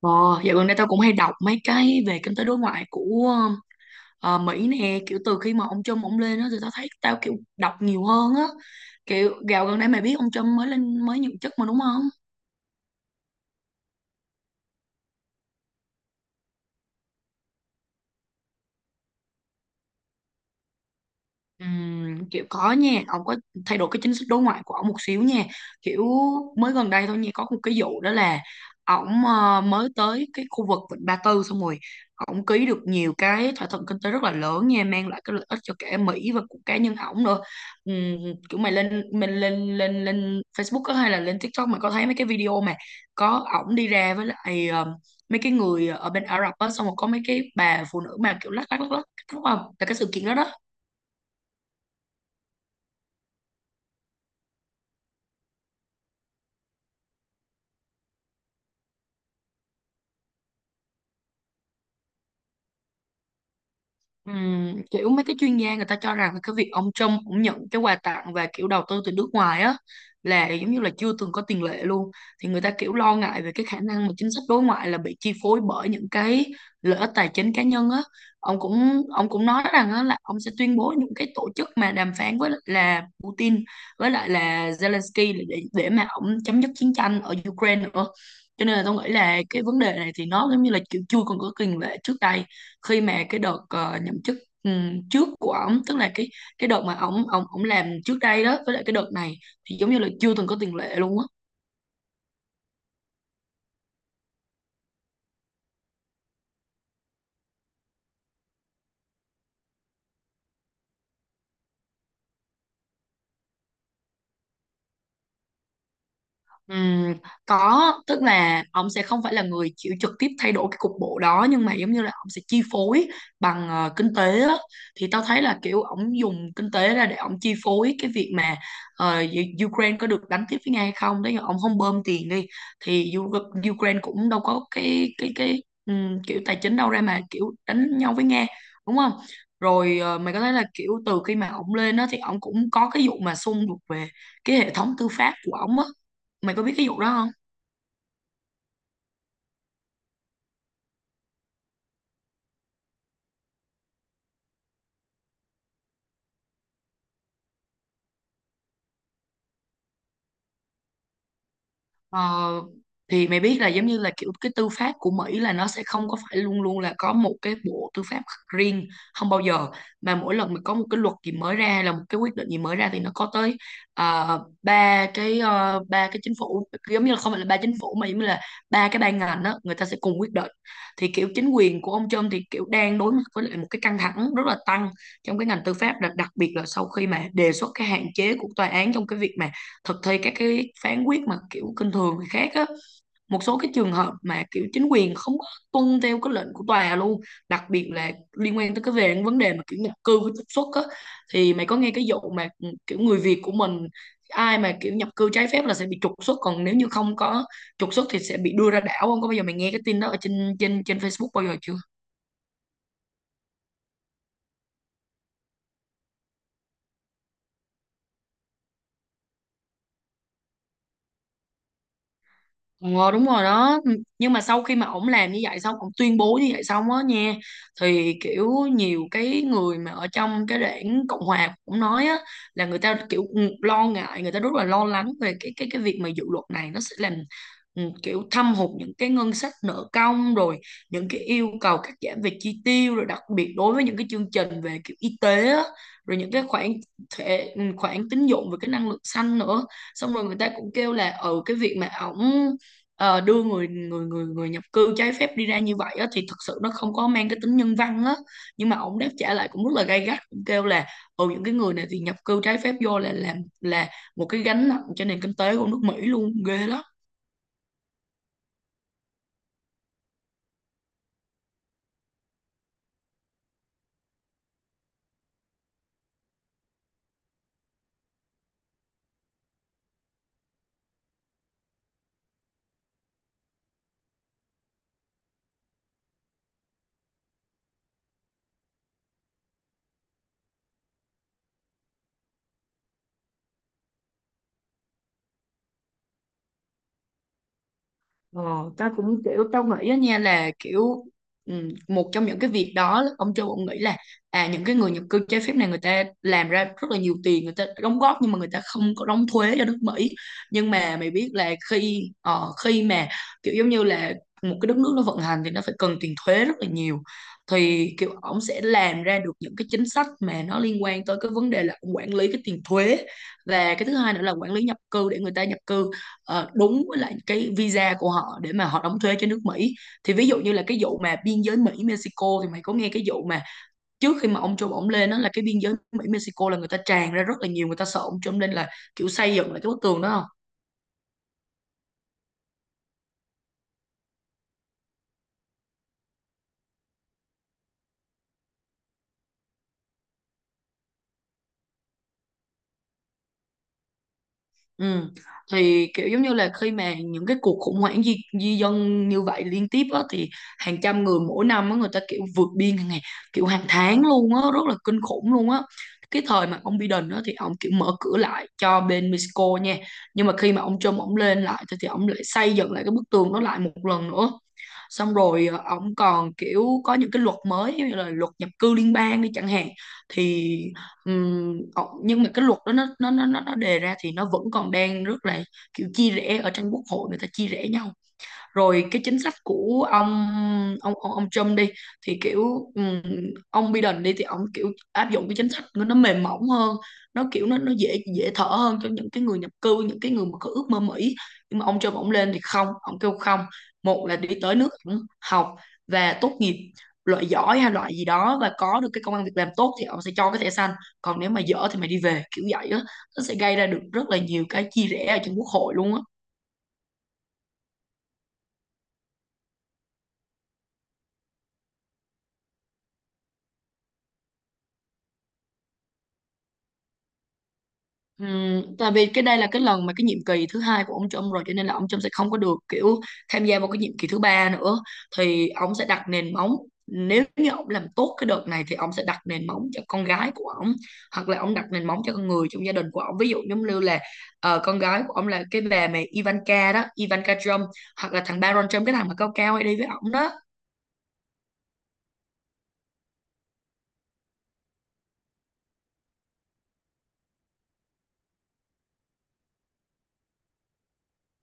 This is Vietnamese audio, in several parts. Ờ, Dạo gần đây tao cũng hay đọc mấy cái về kinh tế đối ngoại của Mỹ nè, kiểu từ khi mà ông Trump ông lên á thì tao thấy tao kiểu đọc nhiều hơn á. Kiểu gạo gần đây mày biết ông Trump mới lên mới nhậm chức mà đúng không? Kiểu có nha, ông có thay đổi cái chính sách đối ngoại của ông một xíu nha. Kiểu mới gần đây thôi nha, có một cái vụ đó là ổng mới tới cái khu vực Vịnh Ba Tư, xong rồi ổng ký được nhiều cái thỏa thuận kinh tế rất là lớn nha, mang lại cái lợi ích cho cả Mỹ và của cá nhân ổng nữa. Ừm, Kiểu mày lên, mình lên lên lên Facebook á hay là lên TikTok, mày có thấy mấy cái video mà có ổng đi ra với lại mấy cái người ở bên Ả Rập á, xong rồi có mấy cái bà phụ nữ mà kiểu lắc lắc lắc lắc, đúng không, là cái sự kiện đó đó. Kiểu mấy cái chuyên gia người ta cho rằng là cái việc ông Trump cũng nhận cái quà tặng và kiểu đầu tư từ nước ngoài á là giống như là chưa từng có tiền lệ luôn. Thì người ta kiểu lo ngại về cái khả năng mà chính sách đối ngoại là bị chi phối bởi những cái lợi ích tài chính cá nhân á. Ông cũng nói rằng á, là ông sẽ tuyên bố những cái tổ chức mà đàm phán với lại là Putin với lại là Zelensky để mà ông chấm dứt chiến tranh ở Ukraine nữa. Cho nên là tôi nghĩ là cái vấn đề này thì nó giống như là kiểu chưa còn có tiền lệ trước đây, khi mà cái đợt nhậm chức trước của ổng, tức là cái đợt mà ổng ổng ổng làm trước đây đó với lại cái đợt này thì giống như là chưa từng có tiền lệ luôn á. Ừm, có, tức là ông sẽ không phải là người chịu trực tiếp thay đổi cái cục bộ đó, nhưng mà giống như là ông sẽ chi phối bằng kinh tế á. Thì tao thấy là kiểu ông dùng kinh tế ra để ông chi phối cái việc mà Ukraine có được đánh tiếp với Nga hay không. Đấy, ông không bơm tiền đi thì Ukraine cũng đâu có cái kiểu tài chính đâu ra mà kiểu đánh nhau với Nga, đúng không? Rồi mày có thấy là kiểu từ khi mà ông lên đó thì ông cũng có cái vụ mà xung đột về cái hệ thống tư pháp của ông á, mày có biết cái vụ đó không? ờ, thì mày biết là giống như là kiểu cái tư pháp của Mỹ là nó sẽ không có phải luôn luôn là có một cái bộ tư pháp riêng, không bao giờ, mà mỗi lần mà có một cái luật gì mới ra hay là một cái quyết định gì mới ra thì nó có tới ba cái ba cái chính phủ, giống như là không phải là ba chính phủ mà giống như là ba cái ban ngành đó, người ta sẽ cùng quyết định. Thì kiểu chính quyền của ông Trump thì kiểu đang đối mặt với lại một cái căng thẳng rất là tăng trong cái ngành tư pháp, đặc biệt là sau khi mà đề xuất cái hạn chế của tòa án trong cái việc mà thực thi các cái phán quyết mà kiểu kinh thường người khác á. Một số cái trường hợp mà kiểu chính quyền không có tuân theo cái lệnh của tòa luôn, đặc biệt là liên quan tới cái về vấn đề mà kiểu nhập cư với trục xuất á. Thì mày có nghe cái vụ mà ừ, kiểu người Việt của mình, ai mà kiểu nhập cư trái phép là sẽ bị trục xuất, còn nếu như không có trục xuất thì sẽ bị đưa ra đảo không có, bao giờ mày nghe cái tin đó ở trên trên trên Facebook bao giờ chưa? Ờ đúng rồi đó. Ừ, nhưng mà sau khi mà ổng làm như vậy xong, ổng tuyên bố như vậy xong á nha, thì kiểu nhiều cái người mà ở trong cái đảng Cộng Hòa cũng nói á, là người ta kiểu ừ, lo ngại, người ta rất là lo lắng về cái việc mà dự luật này nó sẽ làm ừ, kiểu thâm hụt những cái ngân sách nợ công, rồi những cái yêu cầu cắt giảm về chi tiêu, rồi đặc biệt đối với những cái chương trình về kiểu y tế á, rồi những cái khoản khoản tín dụng về cái năng lượng xanh nữa. Xong rồi người ta cũng kêu là ừ, cái việc mà ổng đưa người người người người nhập cư trái phép đi ra như vậy á, thì thật sự nó không có mang cái tính nhân văn á. Nhưng mà ông đáp trả lại cũng rất là gay gắt, cũng kêu là ừ, những cái người này thì nhập cư trái phép vô là làm là một cái gánh nặng cho nền kinh tế của nước Mỹ luôn, ghê lắm. Ờ, tao cũng kiểu tao nghĩ á nha, là kiểu một trong những cái việc đó, ông Châu ông nghĩ là à, những cái người nhập cư trái phép này người ta làm ra rất là nhiều tiền, người ta đóng góp nhưng mà người ta không có đóng thuế cho nước Mỹ. Nhưng mà mày biết là khi mà kiểu giống như là một cái đất nước nó vận hành thì nó phải cần tiền thuế rất là nhiều. Thì kiểu ông sẽ làm ra được những cái chính sách mà nó liên quan tới cái vấn đề là ổng quản lý cái tiền thuế, và cái thứ hai nữa là quản lý nhập cư để người ta nhập cư đúng với lại cái visa của họ để mà họ đóng thuế cho nước Mỹ. Thì ví dụ như là cái vụ mà biên giới Mỹ Mexico, thì mày có nghe cái vụ mà trước khi mà ông Trump ổng lên đó là cái biên giới Mỹ Mexico là người ta tràn ra rất là nhiều, người ta sợ ông Trump lên là kiểu xây dựng lại cái bức tường đó không? Ừ. Thì kiểu giống như là khi mà những cái cuộc khủng hoảng di dân như vậy liên tiếp á, thì hàng trăm người mỗi năm á, người ta kiểu vượt biên hàng ngày, kiểu hàng tháng luôn á, rất là kinh khủng luôn á. Cái thời mà ông Biden á, thì ông kiểu mở cửa lại cho bên Mexico nha, nhưng mà khi mà ông Trump ông lên lại thì ông lại xây dựng lại cái bức tường đó lại một lần nữa. Xong rồi ờ, ông còn kiểu có những cái luật mới như là luật nhập cư liên bang đi chẳng hạn. Thì nhưng mà cái luật đó nó đề ra thì nó vẫn còn đang rất là kiểu chia rẽ ở trong quốc hội, người ta chia rẽ nhau. Rồi cái chính sách của ông Trump đi thì kiểu ông Biden đi thì ông kiểu áp dụng cái chính sách của nó mềm mỏng hơn, nó kiểu nó dễ, dễ thở hơn cho những cái người nhập cư, những cái người mà có ước mơ Mỹ. Nhưng mà ông Trump ông lên thì không, ông kêu không, một là đi tới nước ông, học và tốt nghiệp loại giỏi hay loại gì đó và có được cái công ăn việc làm tốt thì ông sẽ cho cái thẻ xanh, còn nếu mà dở thì mày đi về, kiểu vậy á. Nó sẽ gây ra được rất là nhiều cái chia rẽ ở trong quốc hội luôn á. Tại vì cái đây là cái lần mà cái nhiệm kỳ thứ hai của ông Trump rồi, cho nên là ông Trump sẽ không có được kiểu tham gia vào cái nhiệm kỳ thứ ba nữa. Thì ông sẽ đặt nền móng, nếu như ông làm tốt cái đợt này thì ông sẽ đặt nền móng cho con gái của ông, hoặc là ông đặt nền móng cho con người trong gia đình của ông, ví dụ giống như là con gái của ông là cái bà mẹ Ivanka đó, Ivanka Trump, hoặc là thằng Baron Trump, cái thằng mà cao cao hay đi với ông đó.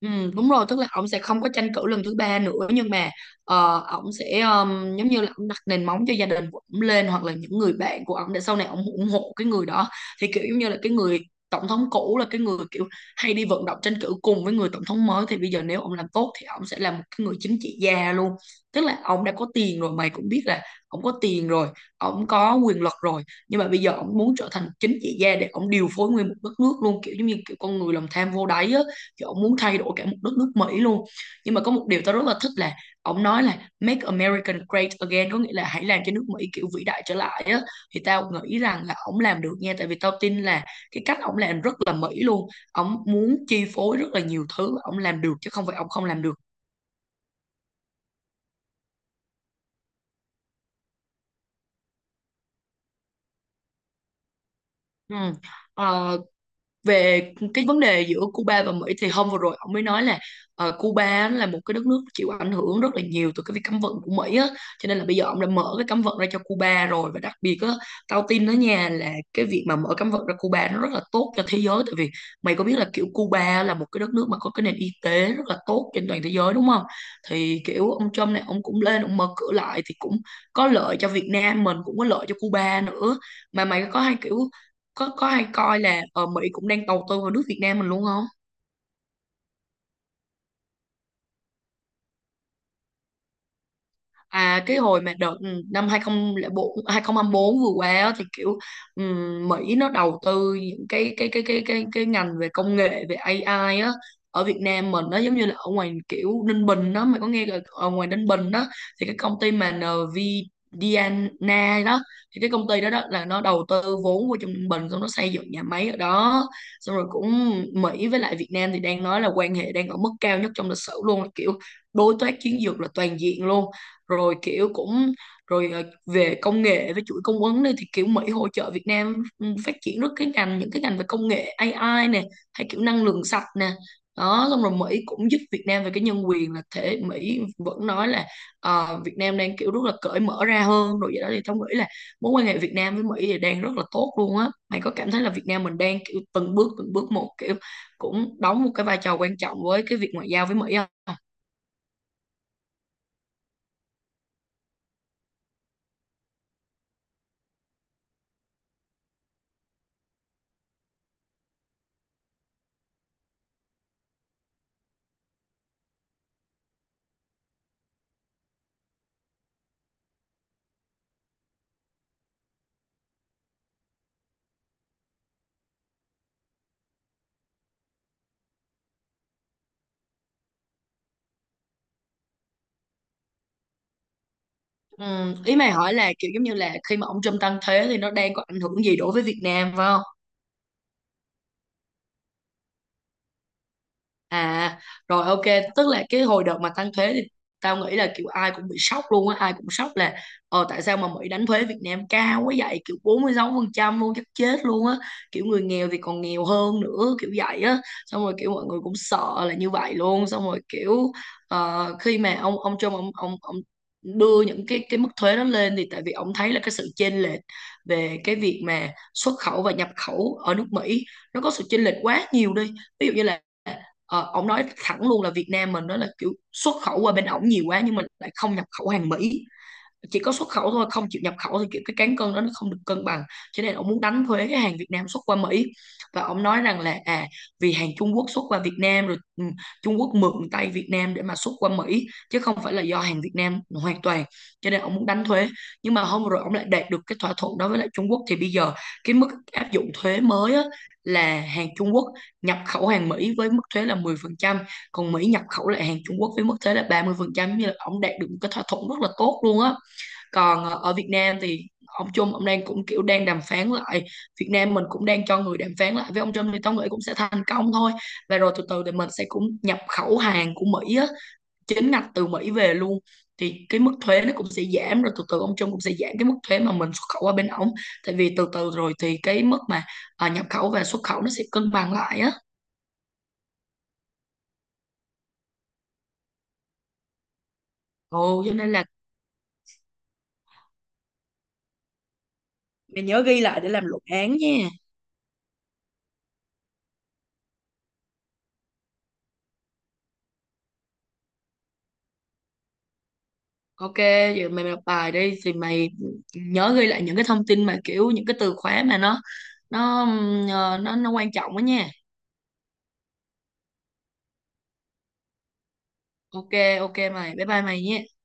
Ừ, đúng rồi, tức là ổng sẽ không có tranh cử lần thứ ba nữa, nhưng mà ổng sẽ giống như là Ổng đặt nền móng cho gia đình của ổng lên hoặc là những người bạn của ổng để sau này ổng ủng hộ cái người đó, thì kiểu giống như là cái người tổng thống cũ là cái người kiểu hay đi vận động tranh cử cùng với người tổng thống mới. Thì bây giờ nếu ổng làm tốt thì ổng sẽ là một cái người chính trị gia luôn, tức là ổng đã có tiền rồi, mày cũng biết là ổng có tiền rồi, ổng có quyền lực rồi, nhưng mà bây giờ ổng muốn trở thành chính trị gia để ổng điều phối nguyên một đất nước luôn, kiểu giống như kiểu con người lòng tham vô đáy á, kiểu ông muốn thay đổi cả một đất nước Mỹ luôn. Nhưng mà có một điều tao rất là thích là ông nói là make America great again, có nghĩa là hãy làm cho nước Mỹ kiểu vĩ đại trở lại á. Thì tao nghĩ rằng là ông làm được nha, tại vì tao tin là cái cách ông làm rất là Mỹ luôn, ông muốn chi phối rất là nhiều thứ, ông làm được chứ không phải ông không làm được. Ừ. Ờ, về cái vấn đề giữa Cuba và Mỹ thì hôm vừa rồi ông mới nói là Cuba á là một cái đất nước chịu ảnh hưởng rất là nhiều từ cái việc cấm vận của Mỹ á, cho nên là bây giờ ông đã mở cái cấm vận ra cho Cuba rồi. Và đặc biệt á, tao tin đó nha, là cái việc mà mở cấm vận ra Cuba nó rất là tốt cho thế giới, tại vì mày có biết là kiểu Cuba là một cái đất nước mà có cái nền y tế rất là tốt trên toàn thế giới đúng không. Thì kiểu ông Trump này ông cũng lên ông mở cửa lại thì cũng có lợi cho Việt Nam mình, cũng có lợi cho Cuba nữa. Mà mày có hay kiểu có hay coi là ở Mỹ cũng đang đầu tư vào nước Việt Nam mình luôn không? À cái hồi mà đợt năm 2004 2024 vừa qua á, thì kiểu Mỹ nó đầu tư những cái ngành về công nghệ, về AI á, ở Việt Nam mình, nó giống như là ở ngoài kiểu Ninh Bình đó, mày có nghe là ở ngoài Ninh Bình đó thì cái công ty mà nvidia đó, thì cái công ty đó, đó là nó đầu tư vốn vô trong Ninh Bình xong nó xây dựng nhà máy ở đó. Xong rồi cũng Mỹ với lại Việt Nam thì đang nói là quan hệ đang ở mức cao nhất trong lịch sử luôn, là kiểu đối tác chiến lược là toàn diện luôn. Rồi kiểu cũng rồi về công nghệ với chuỗi cung ứng đi thì kiểu Mỹ hỗ trợ Việt Nam phát triển rất cái ngành, những cái ngành về công nghệ AI nè, hay kiểu năng lượng sạch nè. Đó, xong rồi Mỹ cũng giúp Việt Nam về cái nhân quyền, là thể Mỹ vẫn nói là Việt Nam đang kiểu rất là cởi mở ra hơn rồi vậy đó. Thì tao nghĩ là mối quan hệ Việt Nam với Mỹ thì đang rất là tốt luôn á. Mày có cảm thấy là Việt Nam mình đang kiểu từng bước một, kiểu cũng đóng một cái vai trò quan trọng với cái việc ngoại giao với Mỹ không? Ừ, ý mày hỏi là kiểu giống như là khi mà ông Trump tăng thế thì nó đang có ảnh hưởng gì đối với Việt Nam phải không? À rồi, ok, tức là cái hồi đợt mà tăng thuế thì tao nghĩ là kiểu ai cũng bị sốc luôn á, ai cũng sốc là ờ tại sao mà Mỹ đánh thuế Việt Nam cao quá vậy, kiểu 46% luôn, chắc chết luôn á, kiểu người nghèo thì còn nghèo hơn nữa kiểu vậy á. Xong rồi kiểu mọi người cũng sợ là như vậy luôn. Xong rồi kiểu khi mà ông Trump ông đưa những cái mức thuế đó lên thì tại vì ông thấy là cái sự chênh lệch về cái việc mà xuất khẩu và nhập khẩu ở nước Mỹ nó có sự chênh lệch quá nhiều đi. Ví dụ như là ờ, ổng nói thẳng luôn là Việt Nam mình nó là kiểu xuất khẩu qua bên ổng nhiều quá nhưng mình lại không nhập khẩu hàng Mỹ, chỉ có xuất khẩu thôi không chịu nhập khẩu, thì kiểu cái cán cân đó nó không được cân bằng, cho nên ông muốn đánh thuế cái hàng Việt Nam xuất qua Mỹ. Và ông nói rằng là à, vì hàng Trung Quốc xuất qua Việt Nam rồi Trung Quốc mượn tay Việt Nam để mà xuất qua Mỹ chứ không phải là do hàng Việt Nam hoàn toàn, cho nên ông muốn đánh thuế. Nhưng mà hôm rồi ông lại đạt được cái thỏa thuận đó với lại Trung Quốc, thì bây giờ cái mức áp dụng thuế mới á, là hàng Trung Quốc nhập khẩu hàng Mỹ với mức thuế là 10%, còn Mỹ nhập khẩu lại hàng Trung Quốc với mức thuế là 30%, như là ông đạt được một cái thỏa thuận rất là tốt luôn á. Còn ờ, ở Việt Nam thì ông Trump ông đang cũng kiểu đang đàm phán lại, Việt Nam mình cũng đang cho người đàm phán lại với ông Trump, thì tao nghĩ cũng sẽ thành công thôi. Và rồi từ từ thì mình sẽ cũng nhập khẩu hàng của Mỹ á, chính ngạch từ Mỹ về luôn, thì cái mức thuế nó cũng sẽ giảm. Rồi từ từ ông Trump cũng sẽ giảm cái mức thuế mà mình xuất khẩu qua bên ổng, tại vì từ từ rồi thì cái mức mà nhập khẩu và xuất khẩu nó sẽ cân bằng lại á. Ồ, cho nên là mày nhớ ghi lại để làm luận án nha. Ok, giờ mày đọc bài đi thì mày nhớ ghi lại những cái thông tin mà kiểu những cái từ khóa mà nó ờ, nó quan trọng đó nha. Ok, ok mày. Bye bye mày nha.